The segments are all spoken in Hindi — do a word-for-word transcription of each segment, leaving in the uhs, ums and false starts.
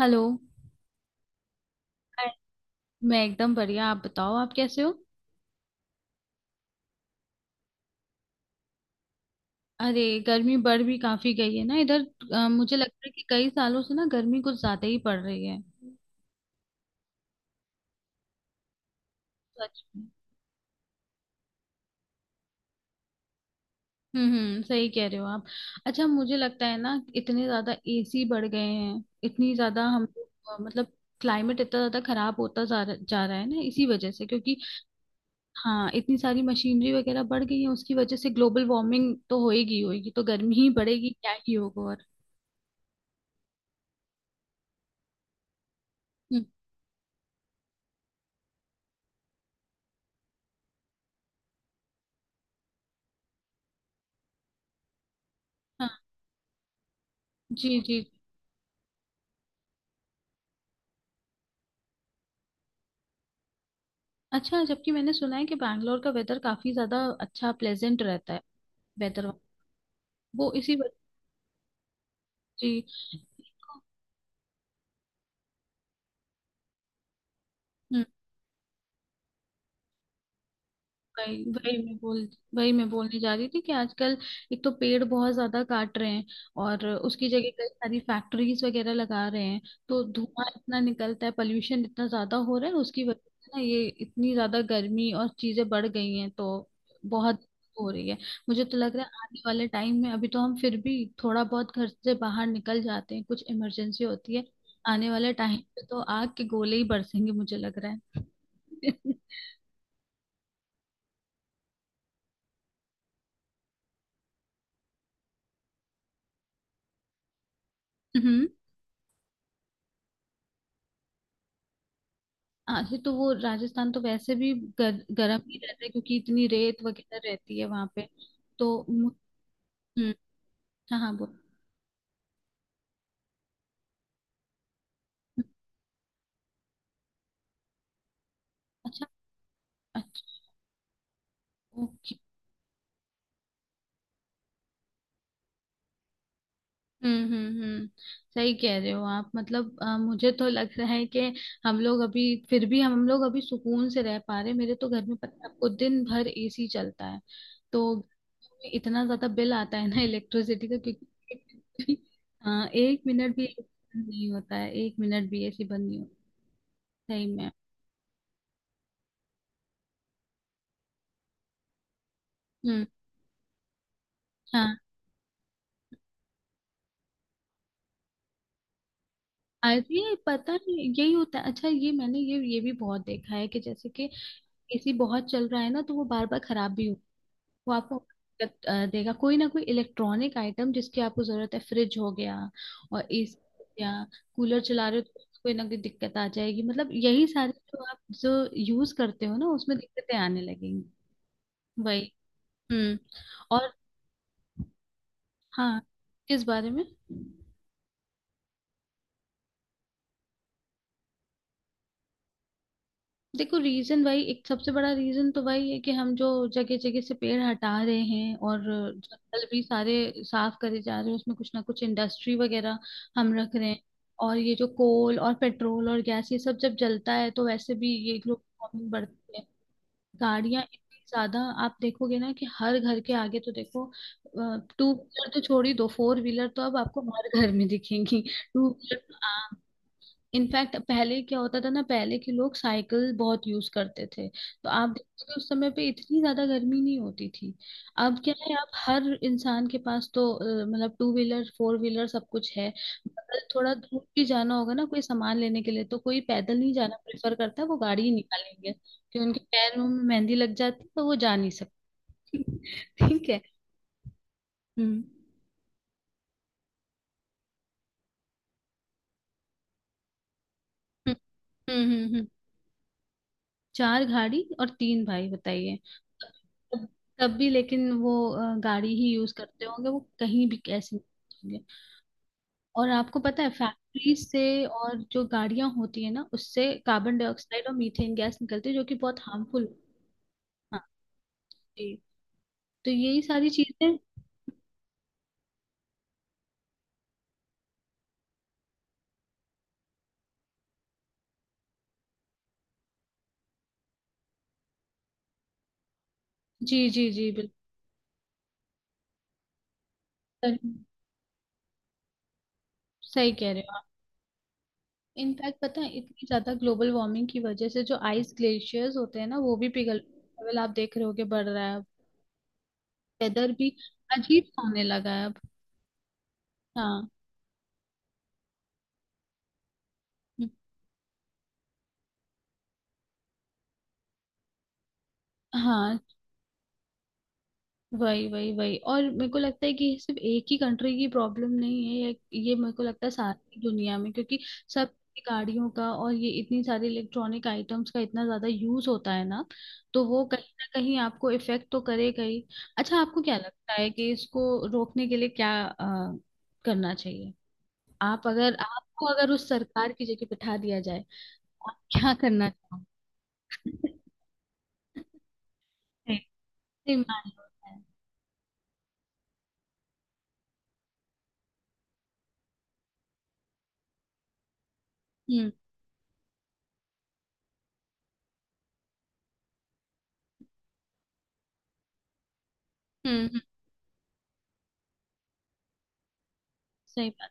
हेलो। हाय। मैं एकदम बढ़िया। आप बताओ आप कैसे हो। अरे गर्मी बढ़ भी काफी गई है ना इधर। अ, मुझे लगता है कि कई सालों से ना गर्मी कुछ ज्यादा ही पड़ रही है। सच में। हम्म, हम्म, सही कह रहे हो आप। अच्छा, मुझे लगता है ना इतने ज्यादा एसी बढ़ गए हैं इतनी ज्यादा हम अ, मतलब क्लाइमेट इतना ज्यादा खराब होता जा रहा जा रहा है ना इसी वजह से, क्योंकि हाँ इतनी सारी मशीनरी वगैरह बढ़ गई है, उसकी वजह से ग्लोबल वार्मिंग तो होएगी ही होएगी, तो गर्मी ही बढ़ेगी, क्या ही होगा और। हम्म, हाँ, जी जी। अच्छा, जबकि मैंने सुना है कि बैंगलोर का वेदर काफी ज्यादा अच्छा प्लेजेंट रहता है वेदर। वो इसी वजह। जी। वही वही मैं बोल, वही मैं बोलने जा रही थी कि आजकल एक तो पेड़ बहुत ज्यादा काट रहे हैं, और उसकी जगह कई सारी फैक्ट्रीज वगैरह लगा रहे हैं। तो धुआं इतना निकलता है, पोल्यूशन इतना ज्यादा हो रहा है, उसकी वजह से ना ये इतनी ज्यादा गर्मी और चीजें बढ़ गई हैं तो बहुत हो रही है। मुझे तो लग रहा है आने वाले टाइम में अभी तो हम फिर भी थोड़ा बहुत घर से बाहर निकल जाते हैं, कुछ इमरजेंसी होती है, आने वाले टाइम पे तो आग के गोले ही बरसेंगे मुझे लग रहा है। हम्म। आगे तो वो राजस्थान तो वैसे भी गर, गर्म ही रहता है, क्योंकि इतनी रेत वगैरह रहती है वहां पे। तो मु- हम्म। हाँ हाँ, बोल। अच्छा। अच्छा। ओके। हम्म हम्म हम्म। सही कह रहे हो आप। मतलब अ, मुझे तो लग रहा है कि हम लोग अभी, फिर भी हम लोग अभी सुकून से रह पा रहे। मेरे तो घर में पता है आपको दिन भर एसी चलता है, तो इतना ज्यादा बिल आता है ना इलेक्ट्रिसिटी का, क्योंकि हाँ एक मिनट भी A C बंद नहीं होता है, एक मिनट भी एसी बंद नहीं होता। सही में। हम्म। हाँ। अरे पता नहीं यही होता है। अच्छा ये मैंने ये ये भी बहुत देखा है कि जैसे कि एसी बहुत चल रहा है ना तो वो बार बार खराब भी हो, वो आपको दिक्कत, अ, देगा कोई ना कोई इलेक्ट्रॉनिक आइटम जिसकी आपको जरूरत है। फ्रिज हो गया और एसी हो गया, कूलर चला रहे हो तो कोई ना कोई दिक्कत आ जाएगी, मतलब यही सारे जो आप जो यूज करते हो ना उसमें दिक्कतें आने लगेंगी। वही। हम्म। और हाँ, किस बारे में। देखो रीजन भाई एक सबसे बड़ा रीजन तो भाई है कि हम जो जगह जगह से पेड़ हटा रहे हैं, और जंगल भी सारे साफ करे जा रहे हैं, उसमें कुछ ना कुछ इंडस्ट्री वगैरह हम रख रहे हैं। और ये जो कोल और पेट्रोल और गैस ये सब जब जलता है तो वैसे भी ये ग्लोबल वार्मिंग बढ़ती है। गाड़ियां इतनी ज्यादा, आप देखोगे ना कि हर घर के आगे तो देखो, टू व्हीलर तो छोड़ ही दो, फोर व्हीलर तो अब आपको हर घर में दिखेंगी, टू व्हीलर। इनफैक्ट पहले क्या होता था ना, पहले के लोग साइकिल बहुत यूज करते थे, तो आप देखते थे उस समय पे इतनी ज्यादा गर्मी नहीं होती थी। अब क्या है, आप हर इंसान के पास तो अ, मतलब टू व्हीलर फोर व्हीलर सब कुछ है, अगर थोड़ा दूर भी जाना होगा ना कोई सामान लेने के लिए तो कोई पैदल नहीं जाना प्रेफर करता, वो गाड़ी ही निकालेंगे कि उनके पैर में मेहंदी लग जाती है तो वो जा नहीं सकती। ठीक है। हम्म हम्म, हम्म हम्म। चार गाड़ी और तीन भाई, बताइए। तब, तब भी लेकिन वो अ, गाड़ी ही यूज करते होंगे, वो कहीं भी कैसे होंगे। और आपको पता है फैक्ट्री से और जो गाड़ियां होती है ना उससे कार्बन डाइऑक्साइड और मीथेन गैस निकलती है जो कि बहुत हार्मफुल। हाँ। जी। तो यही सारी चीजें। जी जी जी। बिल्कुल, सही कह रहे हो आप। इनफैक्ट पता है इतनी ज्यादा ग्लोबल वार्मिंग की वजह से जो आइस ग्लेशियर्स होते हैं ना वो भी पिघल, लेवल आप देख रहे होगे बढ़ रहा है। वेदर भी अजीब सा होने लगा है अब। हाँ। हाँ, वही वही वही। और मेरे को लगता है कि ये सिर्फ एक ही कंट्री की प्रॉब्लम नहीं है, ये ये मेरे को लगता है सारी दुनिया में, क्योंकि सब गाड़ियों का और ये इतनी सारी इलेक्ट्रॉनिक आइटम्स का इतना ज्यादा यूज होता है ना, तो वो कहीं ना कहीं आपको इफेक्ट तो करेगा ही। अच्छा आपको क्या लगता है कि इसको रोकने के लिए क्या अ, करना चाहिए, आप, अगर आपको अगर उस सरकार की जगह बिठा दिया जाए, आप क्या करना चाहोगे। डिमांड होता है। हम्म हम्म हम्म, सही बात।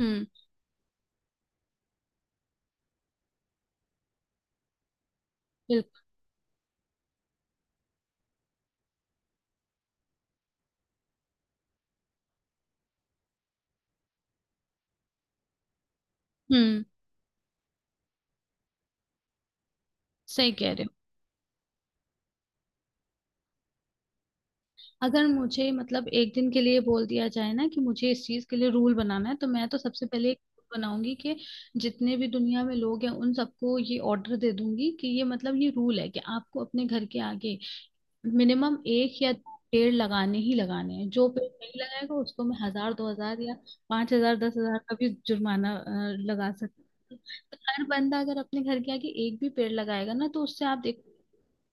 हम्म। बिल्कुल। हम्म, सही कह रहे हो। अगर मुझे मतलब एक दिन के लिए बोल दिया जाए ना कि मुझे इस चीज के लिए रूल बनाना है, तो मैं तो सबसे पहले एक rule बनाऊंगी कि जितने भी दुनिया में लोग हैं उन सबको ये ऑर्डर दे दूंगी कि ये मतलब ये रूल है कि आपको अपने घर के आगे मिनिमम एक या पेड़ लगाने ही लगाने हैं। जो पेड़ नहीं लगाएगा उसको मैं हजार दो हजार या पांच हजार दस हजार का भी जुर्माना अ, लगा सकती हूँ। तो हर बंदा अगर अपने घर के आगे एक भी पेड़ लगाएगा ना तो उससे आप देखो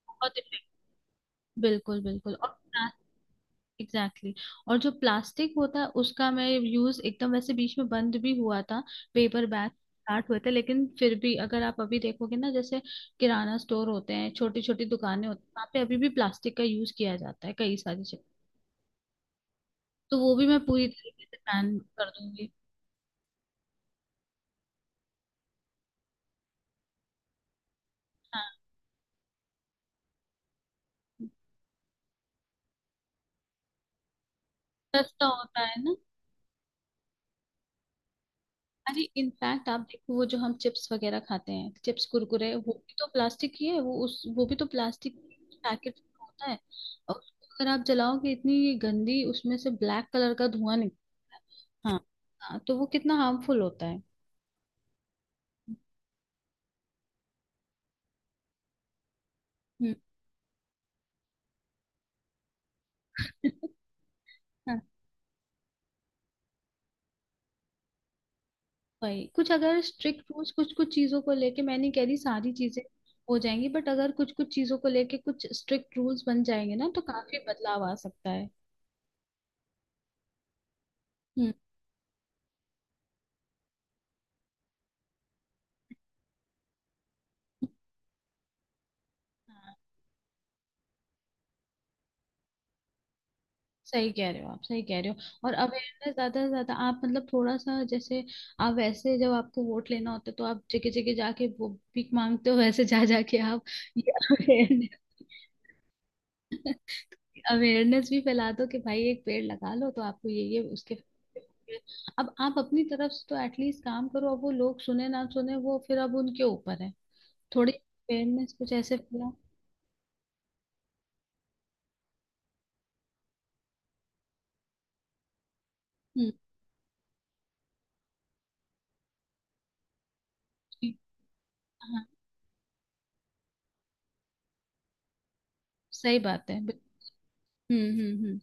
बहुत इफेक्ट। बिल्कुल बिल्कुल। और एग्जैक्टली exactly। और जो प्लास्टिक होता है उसका मैं यूज, एकदम वैसे बीच में बंद भी हुआ था, पेपर बैग स्टार्ट हुए थे, लेकिन फिर भी अगर आप अभी देखोगे ना, जैसे किराना स्टोर होते हैं, छोटी छोटी दुकानें होती हैं, वहाँ पे अभी भी प्लास्टिक का यूज किया जाता है कई सारी चीज। तो वो भी मैं पूरी तरीके से बैन कर दूंगी। हाँ सस्ता होता है ना। अरे इनफैक्ट आप देखो वो जो हम चिप्स वगैरह खाते हैं, चिप्स कुरकुरे, वो भी तो प्लास्टिक ही है, वो उस, वो भी तो प्लास्टिक पैकेट होता है। और उसको अगर आप जलाओगे इतनी गंदी उसमें से ब्लैक कलर का धुआं निक। हाँ। हाँ, तो वो कितना हार्मफुल होता है। हम्म। हाँ, वही कुछ अगर स्ट्रिक्ट रूल्स कुछ कुछ चीजों को लेके, मैं नहीं कह रही सारी चीजें हो जाएंगी, बट अगर कुछ कुछ चीजों को लेके कुछ स्ट्रिक्ट रूल्स बन जाएंगे ना तो काफी बदलाव आ सकता है। हम्म। सही कह रहे हो आप, सही कह रहे हो, और अवेयरनेस ज्यादा से ज्यादा आप मतलब थोड़ा सा जैसे, आप वैसे जब आपको वोट लेना होता है तो आप जगह जगह जाके वो भीख मांगते हो, वैसे जा जाके आप ये अवेयरनेस, अवेयरनेस भी फैला दो कि भाई एक पेड़ लगा लो तो आपको ये ये उसके, अब आप अपनी तरफ से तो एटलीस्ट काम करो, अब वो लोग सुने ना सुने, वो फिर अब उनके ऊपर है, थोड़ी अवेयरनेस कुछ ऐसे फैला। हम्म। ठीक, हाँ सही बात है बिल-। हम्म हम्म हम्म,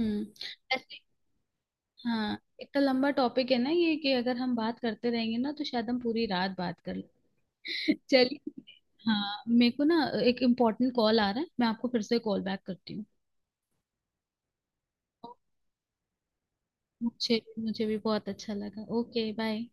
हम्म ऐसे। हाँ इतना लंबा टॉपिक है ना ये कि अगर हम बात करते रहेंगे ना तो शायद हम पूरी रात बात कर लें। चलिए। हाँ मेरे को ना एक इम्पोर्टेंट कॉल आ रहा है, मैं आपको फिर से कॉल बैक करती हूँ। मुझे मुझे भी बहुत अच्छा लगा। Okay bye.